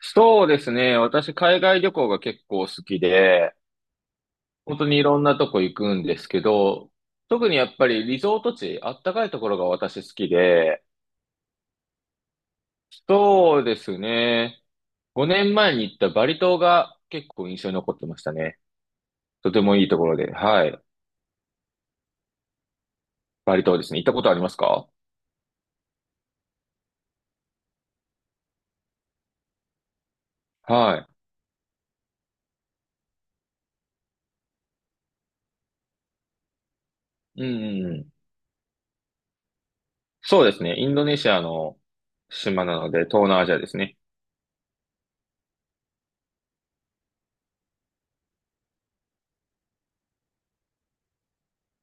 そうですね。私、海外旅行が結構好きで、本当にいろんなとこ行くんですけど、特にやっぱりリゾート地、あったかいところが私好きで、そうですね。5年前に行ったバリ島が結構印象に残ってましたね。とてもいいところで、はい。バリ島ですね。行ったことありますか？はい。うんうんうん。そうですね。インドネシアの島なので、東南アジアですね。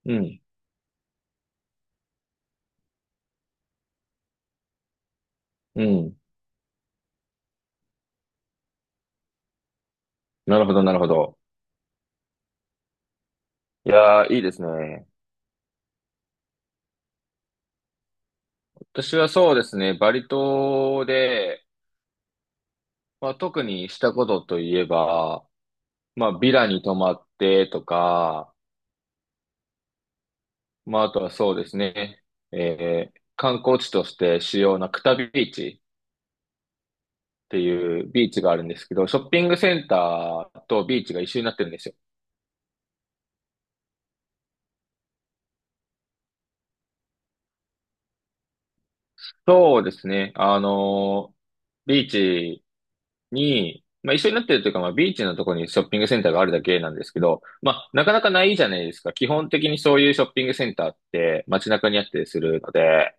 うん。うん。なるほど、なるほど。いやー、いいですね。私はそうですね、バリ島で、まあ、特にしたことといえば、まあ、ビラに泊まってとか、まあ、あとはそうですね、観光地として主要なクタビーチっていうビーチがあるんですけど、ショッピングセンターとビーチが一緒になってるんですよ。そうですね、ビーチに、まあ一緒になってるというか、まあビーチのところにショッピングセンターがあるだけなんですけど、まあなかなかないじゃないですか。基本的にそういうショッピングセンターって街中にあったりするので、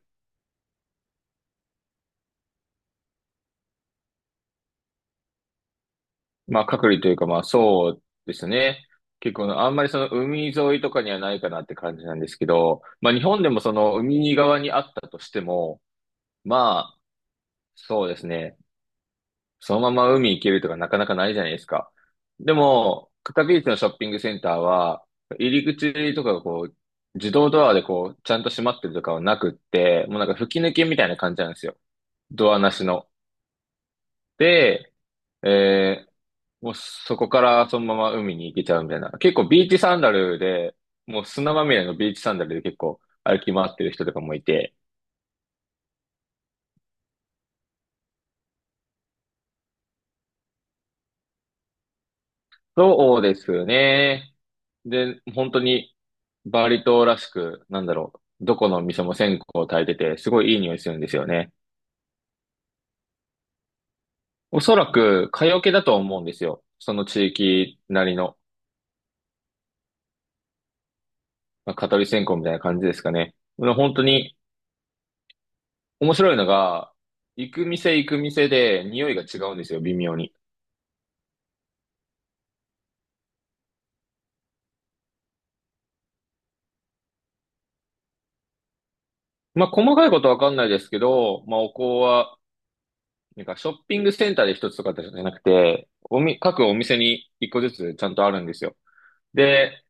まあ隔離というかまあそうですね。結構あんまりその海沿いとかにはないかなって感じなんですけど、まあ日本でもその海側にあったとしても、まあそうですね。そのまま海行けるとかなかなかないじゃないですか。でも、カタビーチのショッピングセンターは、入り口とかがこう、自動ドアでこう、ちゃんと閉まってるとかはなくって、もうなんか吹き抜けみたいな感じなんですよ。ドアなしの。で、えーもうそこからそのまま海に行けちゃうみたいな。結構ビーチサンダルで、もう砂まみれのビーチサンダルで結構歩き回ってる人とかもいて、そうですね。で、本当にバリ島らしく、なんだろう、どこの店も線香を焚いてて、すごいいい匂いするんですよね。おそらく、蚊よけだと思うんですよ。その地域なりの、まあ、蚊取り線香みたいな感じですかね。まあ本当に面白いのが、行く店行く店で匂いが違うんですよ、微妙に。まあ、細かいことわかんないですけど、まあ、お香は、なんかショッピングセンターで一つとかじゃなくて、各お店に一個ずつちゃんとあるんですよ。で、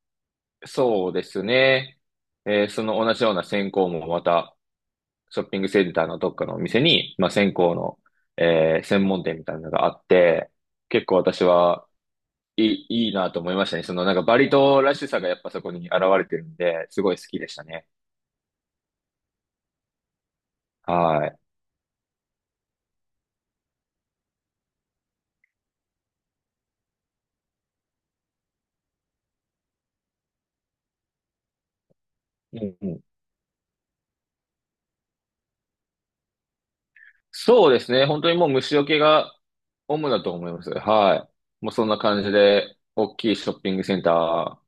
そうですね。その同じような線香もまた、ショッピングセンターのどっかのお店に、まあ、線香の、専門店みたいなのがあって、結構私はいいなと思いましたね。そのなんかバリ島らしさがやっぱそこに現れてるんで、すごい好きでしたね。はい。うんうん。そうですね。本当にもう虫除けが主だと思います。はい。もうそんな感じで、大きいショッピングセンターっ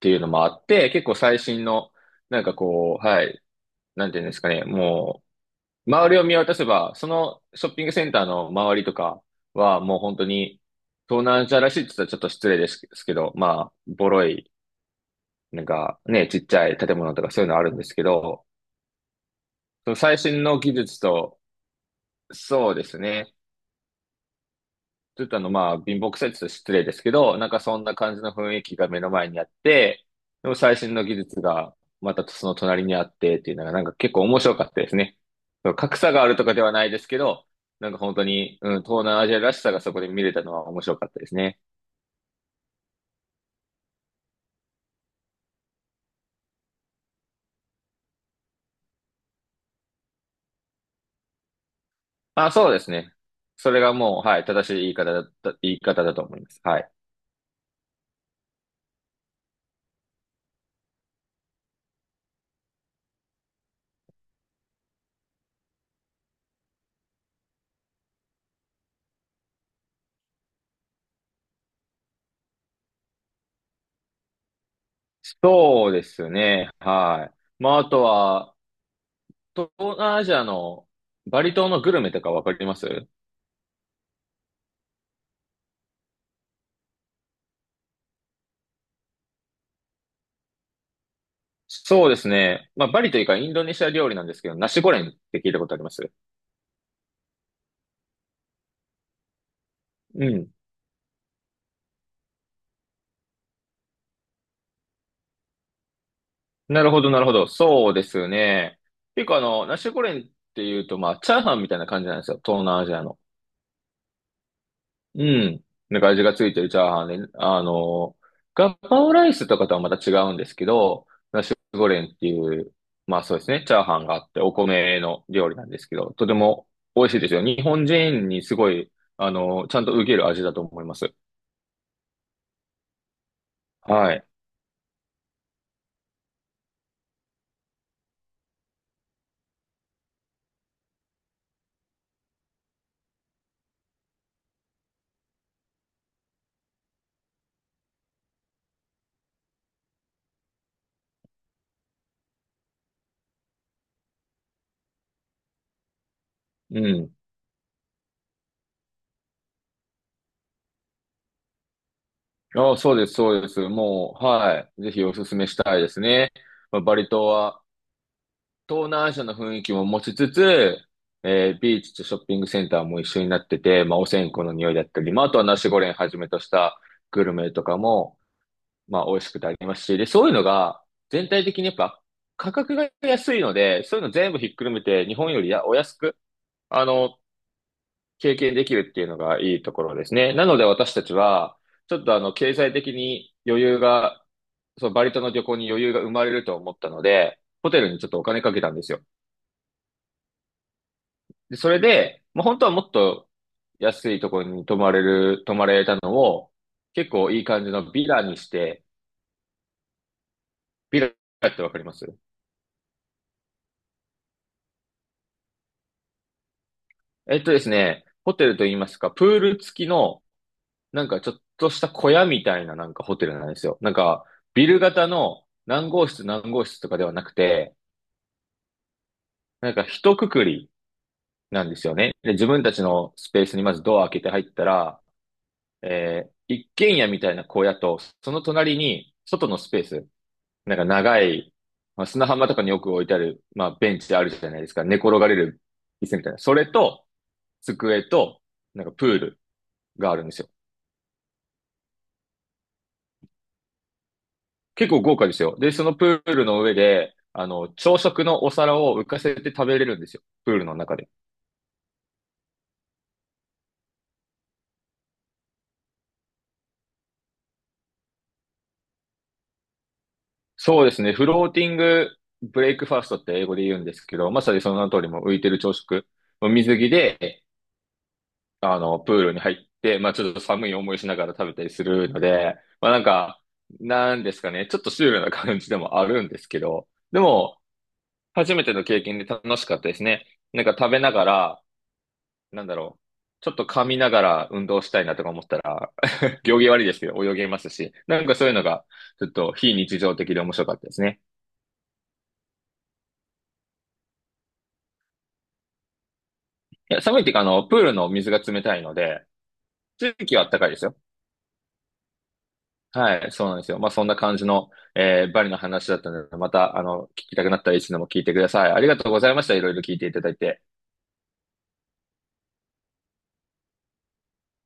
ていうのもあって、結構最新の、なんかこう、はい、なんていうんですかね、もう、周りを見渡せば、そのショッピングセンターの周りとかは、もう本当に、東南アジアらしいって言ったらちょっと失礼ですけど、まあ、ボロい、なんかね、ちっちゃい建物とかそういうのあるんですけど、その最新の技術と、そうですね。ちょっとあの、まあ、貧乏くさいって言ったら失礼ですけど、なんかそんな感じの雰囲気が目の前にあって、でも最新の技術がまたその隣にあってっていうのが、なんか結構面白かったですね。格差があるとかではないですけど、なんか本当に、うん、東南アジアらしさがそこで見れたのは面白かったですね。まあ、そうですね。それがもう、はい、正しい言い方だった、言い方だと思います。はい。そうですね。はい。まあ、あとは、東南アジアのバリ島のグルメとかわかりますそうですね。まあ、バリというかインドネシア料理なんですけど、ナシゴレンって聞いたことありますうん。なるほど、なるほど。そうですね。結構あの、ナシゴレンっていうと、まあ、チャーハンみたいな感じなんですよ。東南アジアの。うん。なんか味がついてるチャーハンで、あの、ガパオライスとかとはまた違うんですけど、ナシゴレンっていう、まあそうですね、チャーハンがあって、お米の料理なんですけど、とても美味しいですよ。日本人にすごい、あの、ちゃんと受ける味だと思います。はい。うん。ああ、そうです、そうです。もう、はい。ぜひおすすめしたいですね。まあ、バリ島は東南アジアの雰囲気も持ちつつ、ビーチとショッピングセンターも一緒になってて、まあ、お線香の匂いだったり、まあ、あとはナシゴレンはじめとしたグルメとかも、まあ、美味しくてありますし、で、そういうのが全体的にやっぱ価格が安いので、そういうの全部ひっくるめて日本よりやお安く、あの、経験できるっていうのがいいところですね。なので私たちは、ちょっとあの、経済的に余裕が、そう、バリ島の旅行に余裕が生まれると思ったので、ホテルにちょっとお金かけたんですよ。で、それで、まあ、本当はもっと安いところに泊まれる、泊まれたのを、結構いい感じのビラにして、ビラってわかりますですね、ホテルと言いますか、プール付きのなんかちょっとした小屋みたいななんかホテルなんですよ。なんか、ビル型の何号室何号室とかではなくて、なんか一括りなんですよね。で、自分たちのスペースにまずドア開けて入ったら、一軒家みたいな小屋と、その隣に外のスペース、なんか長い、まあ、砂浜とかによく置いてある、まあ、ベンチあるじゃないですか。寝転がれる椅子みたいな。それと、机と、なんかプールがあるんですよ。結構豪華ですよ。で、そのプールの上で、あの、朝食のお皿を浮かせて食べれるんですよ。プールの中で。そうですね。フローティングブレイクファーストって英語で言うんですけど、まさにその名の通りも浮いてる朝食。水着で、あの、プールに入って、まあちょっと寒い思いしながら食べたりするので、まあなんか、なんですかね。ちょっとシュールな感じでもあるんですけど、でも、初めての経験で楽しかったですね。なんか食べながら、なんだろう。ちょっと噛みながら運動したいなとか思ったら、行儀悪いですけど泳げますし、なんかそういうのが、ちょっと非日常的で面白かったですね。いや、寒いっていうか、あの、プールの水が冷たいので、地域は暖かいですよ。はい、そうなんですよ。まあ、そんな感じの、バリの話だったので、また、あの、聞きたくなったらいつでも聞いてください。ありがとうございました。いろいろ聞いていただいて。